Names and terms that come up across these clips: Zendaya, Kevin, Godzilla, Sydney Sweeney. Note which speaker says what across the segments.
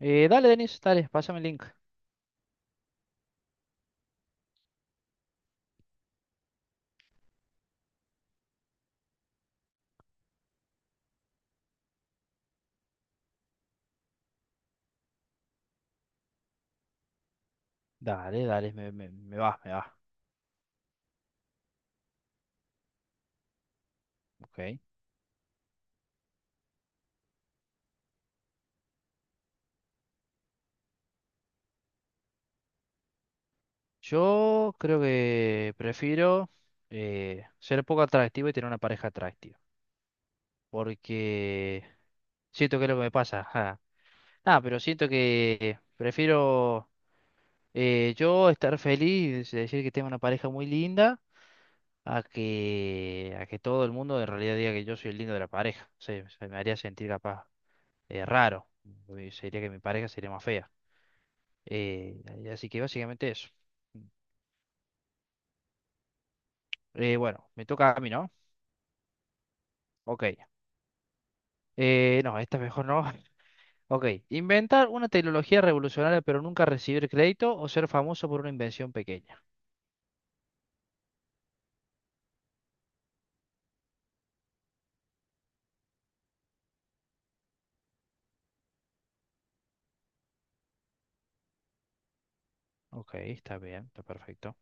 Speaker 1: Dale, Denis, dale, pásame el link. Dale, dale, me va, me va. Ok. Yo creo que prefiero ser poco atractivo y tener una pareja atractiva. Porque siento que es lo que me pasa. Ajá. Ah, pero siento que prefiero yo estar feliz, y decir que tengo una pareja muy linda, a que todo el mundo en realidad diga que yo soy el lindo de la pareja. O sea, se me haría sentir capaz raro. Uy, sería que mi pareja sería más fea. Y así que básicamente eso. Bueno, me toca a mí, ¿no? Ok. No, esta mejor no. Ok. Inventar una tecnología revolucionaria pero nunca recibir crédito o ser famoso por una invención pequeña. Ok, está bien, está perfecto.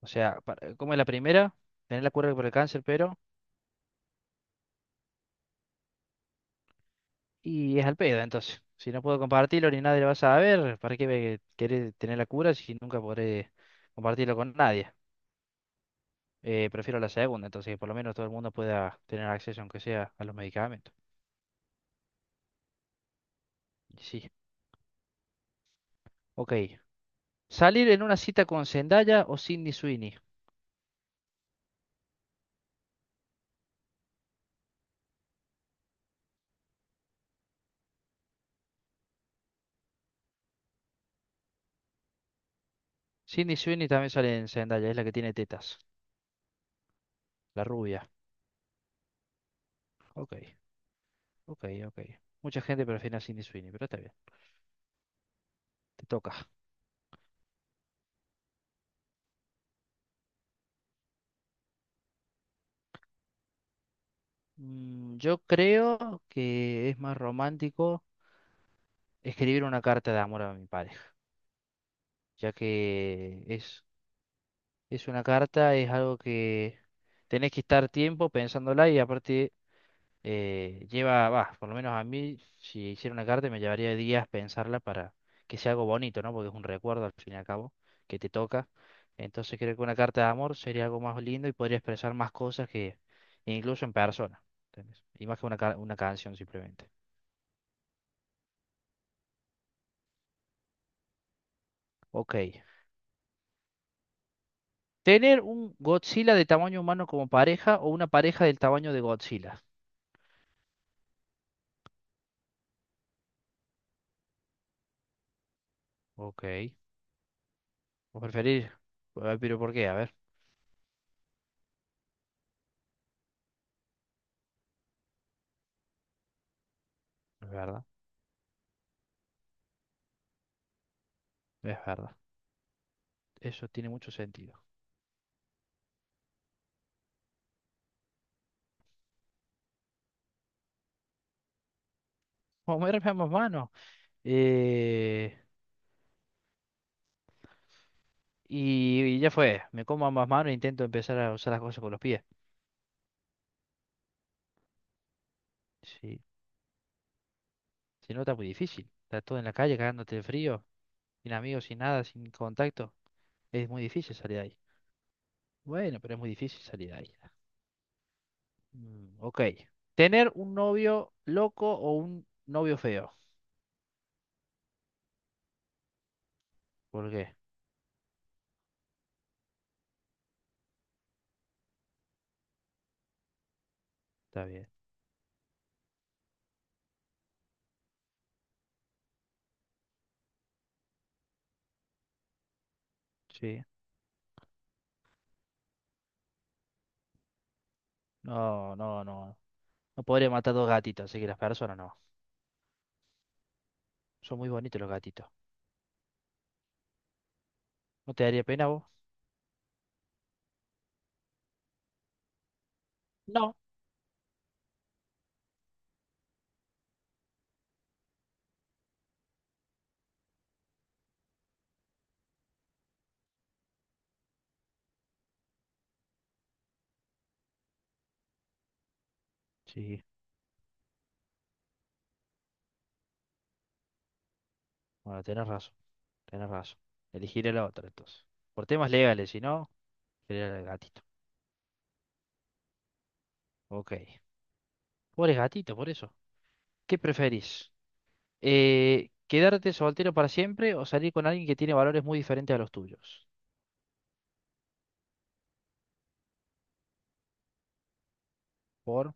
Speaker 1: O sea, como es la primera, tener la cura por el cáncer, pero... Y es al pedo, entonces. Si no puedo compartirlo ni nadie lo va a saber, ¿para qué me querés tener la cura si nunca podré compartirlo con nadie? Prefiero la segunda, entonces, que por lo menos todo el mundo pueda tener acceso, aunque sea a los medicamentos. Sí, ok. Salir en una cita con Zendaya o Sydney Sweeney. Sydney Sweeney también sale en Zendaya, es la que tiene tetas, la rubia. Ok, ok, ok. Mucha gente prefiere a Sydney Sweeney, pero está bien, te toca. Mm, yo creo que es más romántico escribir una carta de amor a mi pareja, ya que es una carta, es algo que tenés que estar tiempo pensándola y aparte va, por lo menos a mí, si hiciera una carta me llevaría días pensarla para que sea algo bonito, ¿no? Porque es un recuerdo al fin y al cabo que te toca. Entonces creo que una carta de amor sería algo más lindo y podría expresar más cosas que incluso en persona, ¿entendés? Y más que una canción simplemente. Ok. Tener un Godzilla de tamaño humano como pareja o una pareja del tamaño de Godzilla. Ok. ¿O preferir? Pero ¿por qué? A ver, es verdad, es verdad. Eso tiene mucho sentido. Comerme ambas manos. Eh, y ya fue, me como ambas manos e intento empezar a usar las cosas con los pies. Sí, si no está muy difícil. Está todo en la calle cagándote de frío, sin amigos, sin nada, sin contacto. Es muy difícil salir de ahí. Bueno, pero es muy difícil salir de ahí. Mm, ok. Tener un novio loco o un novio feo. ¿Por qué? Está bien. Sí. No, no, no. No podría matar dos gatitos, así que las personas no. Son muy bonitos los gatitos. ¿No te daría pena vos? No. Sí, bueno, tenés razón. Tenés razón. Elegiré la otra entonces. Por temas legales, si no, elegiré el gatito. Ok. Pobre gatito, por eso. ¿Qué preferís? ¿Quedarte soltero para siempre o salir con alguien que tiene valores muy diferentes a los tuyos? Por,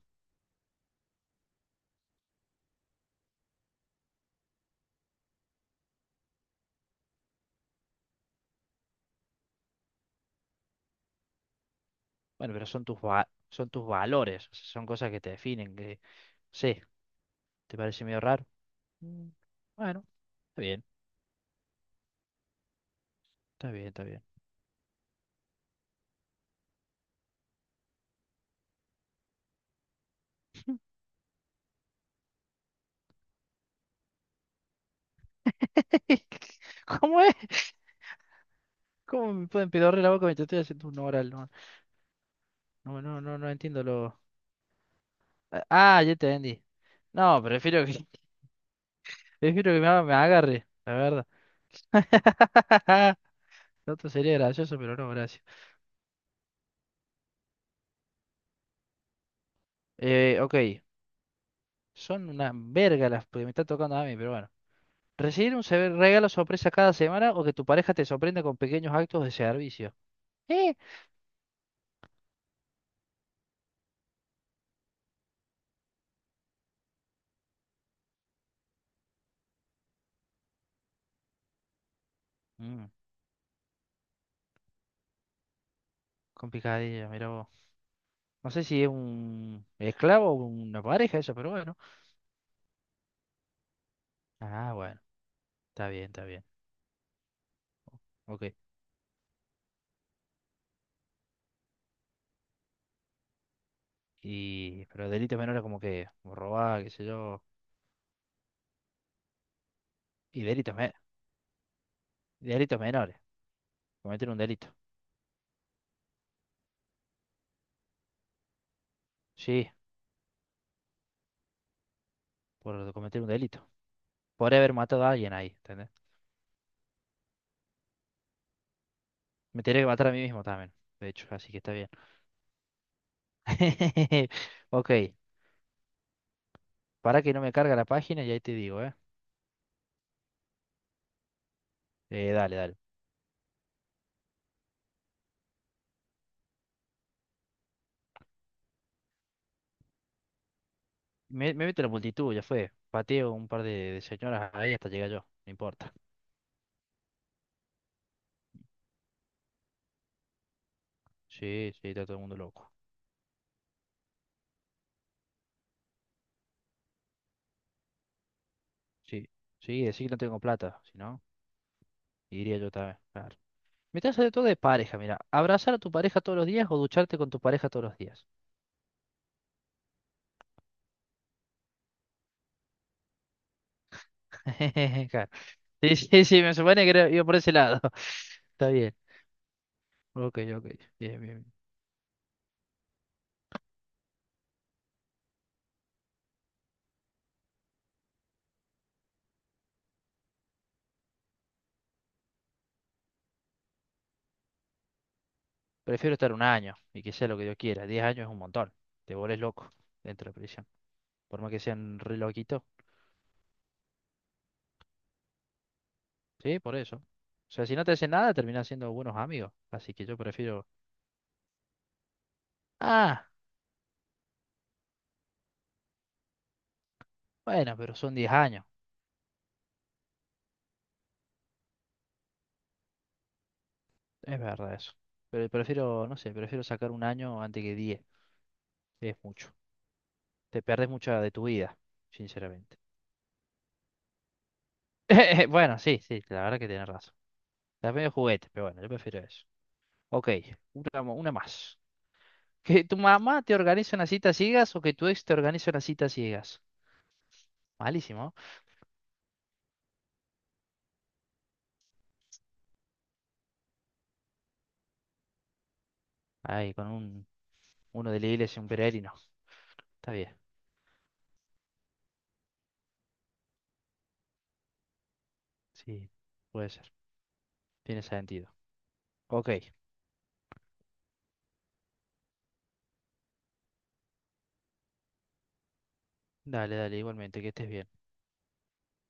Speaker 1: bueno, pero son tus valores, o sea, son cosas que te definen, que no sé, ¿te parece medio raro? Mm, bueno, está bien, está bien, está bien. ¿Cómo es? ¿Cómo me pueden pedorrear la boca mientras estoy haciendo un oral? No, no, no, no, no entiendo lo, ah, ah, ya te entendí. No, prefiero que me agarre, la verdad. Lo otro sería gracioso, pero no, gracias. Ok, son una verga las que me está tocando a mí, pero bueno. ¿Recibir un regalo sorpresa cada semana o que tu pareja te sorprenda con pequeños actos de servicio? ¿Eh? Mm, complicadilla, mira vos. No sé si es un esclavo o una pareja eso, pero bueno. Ah, bueno, está bien, está bien. Ok. Pero delitos menores como robar, qué sé yo. Y delitos, me- Delitos menores. Cometer un delito. Sí, por cometer un delito. Por haber matado a alguien ahí, ¿entendés? Me tendría que matar a mí mismo también, de hecho, así que está bien. Ok, para que no me carga la página y ahí te digo, ¿eh? Dale, dale. Me meto en la multitud, ya fue. Pateo un par de señoras ahí hasta llegar yo, no importa. Sí, sí, está todo el mundo loco. Sí, sí, decir que no tengo plata, si no, iría yo también, claro. Me está saliendo todo de pareja, mira. Abrazar a tu pareja todos los días o ducharte con tu pareja todos los días. Claro. Sí, sí, sí, me supone que iba por ese lado. Está bien. Ok, ok. Bien, bien. Bien. Prefiero estar un año y que sea lo que yo quiera. 10 años es un montón. Te volvés loco dentro de la prisión. Por más que sean re loquitos. Sí, por eso. O sea, si no te hacen nada, terminás siendo buenos amigos. Así que yo prefiero. Ah, bueno, pero son 10 años. Es verdad eso. Pero prefiero, no sé, prefiero sacar un año antes que 10. Es mucho. Te perdés mucha de tu vida, sinceramente. Bueno, sí, sí, la verdad que tienes razón. Está medio juguete, pero bueno, yo prefiero eso. Ok, una más. ¿Que tu mamá te organice una cita a ciegas o que tu ex te organice una cita a ciegas? Malísimo. Ay, con uno de la iglesia, un peregrino. Está bien, sí, puede ser. Tiene sentido. Ok, dale, dale, igualmente, que estés bien.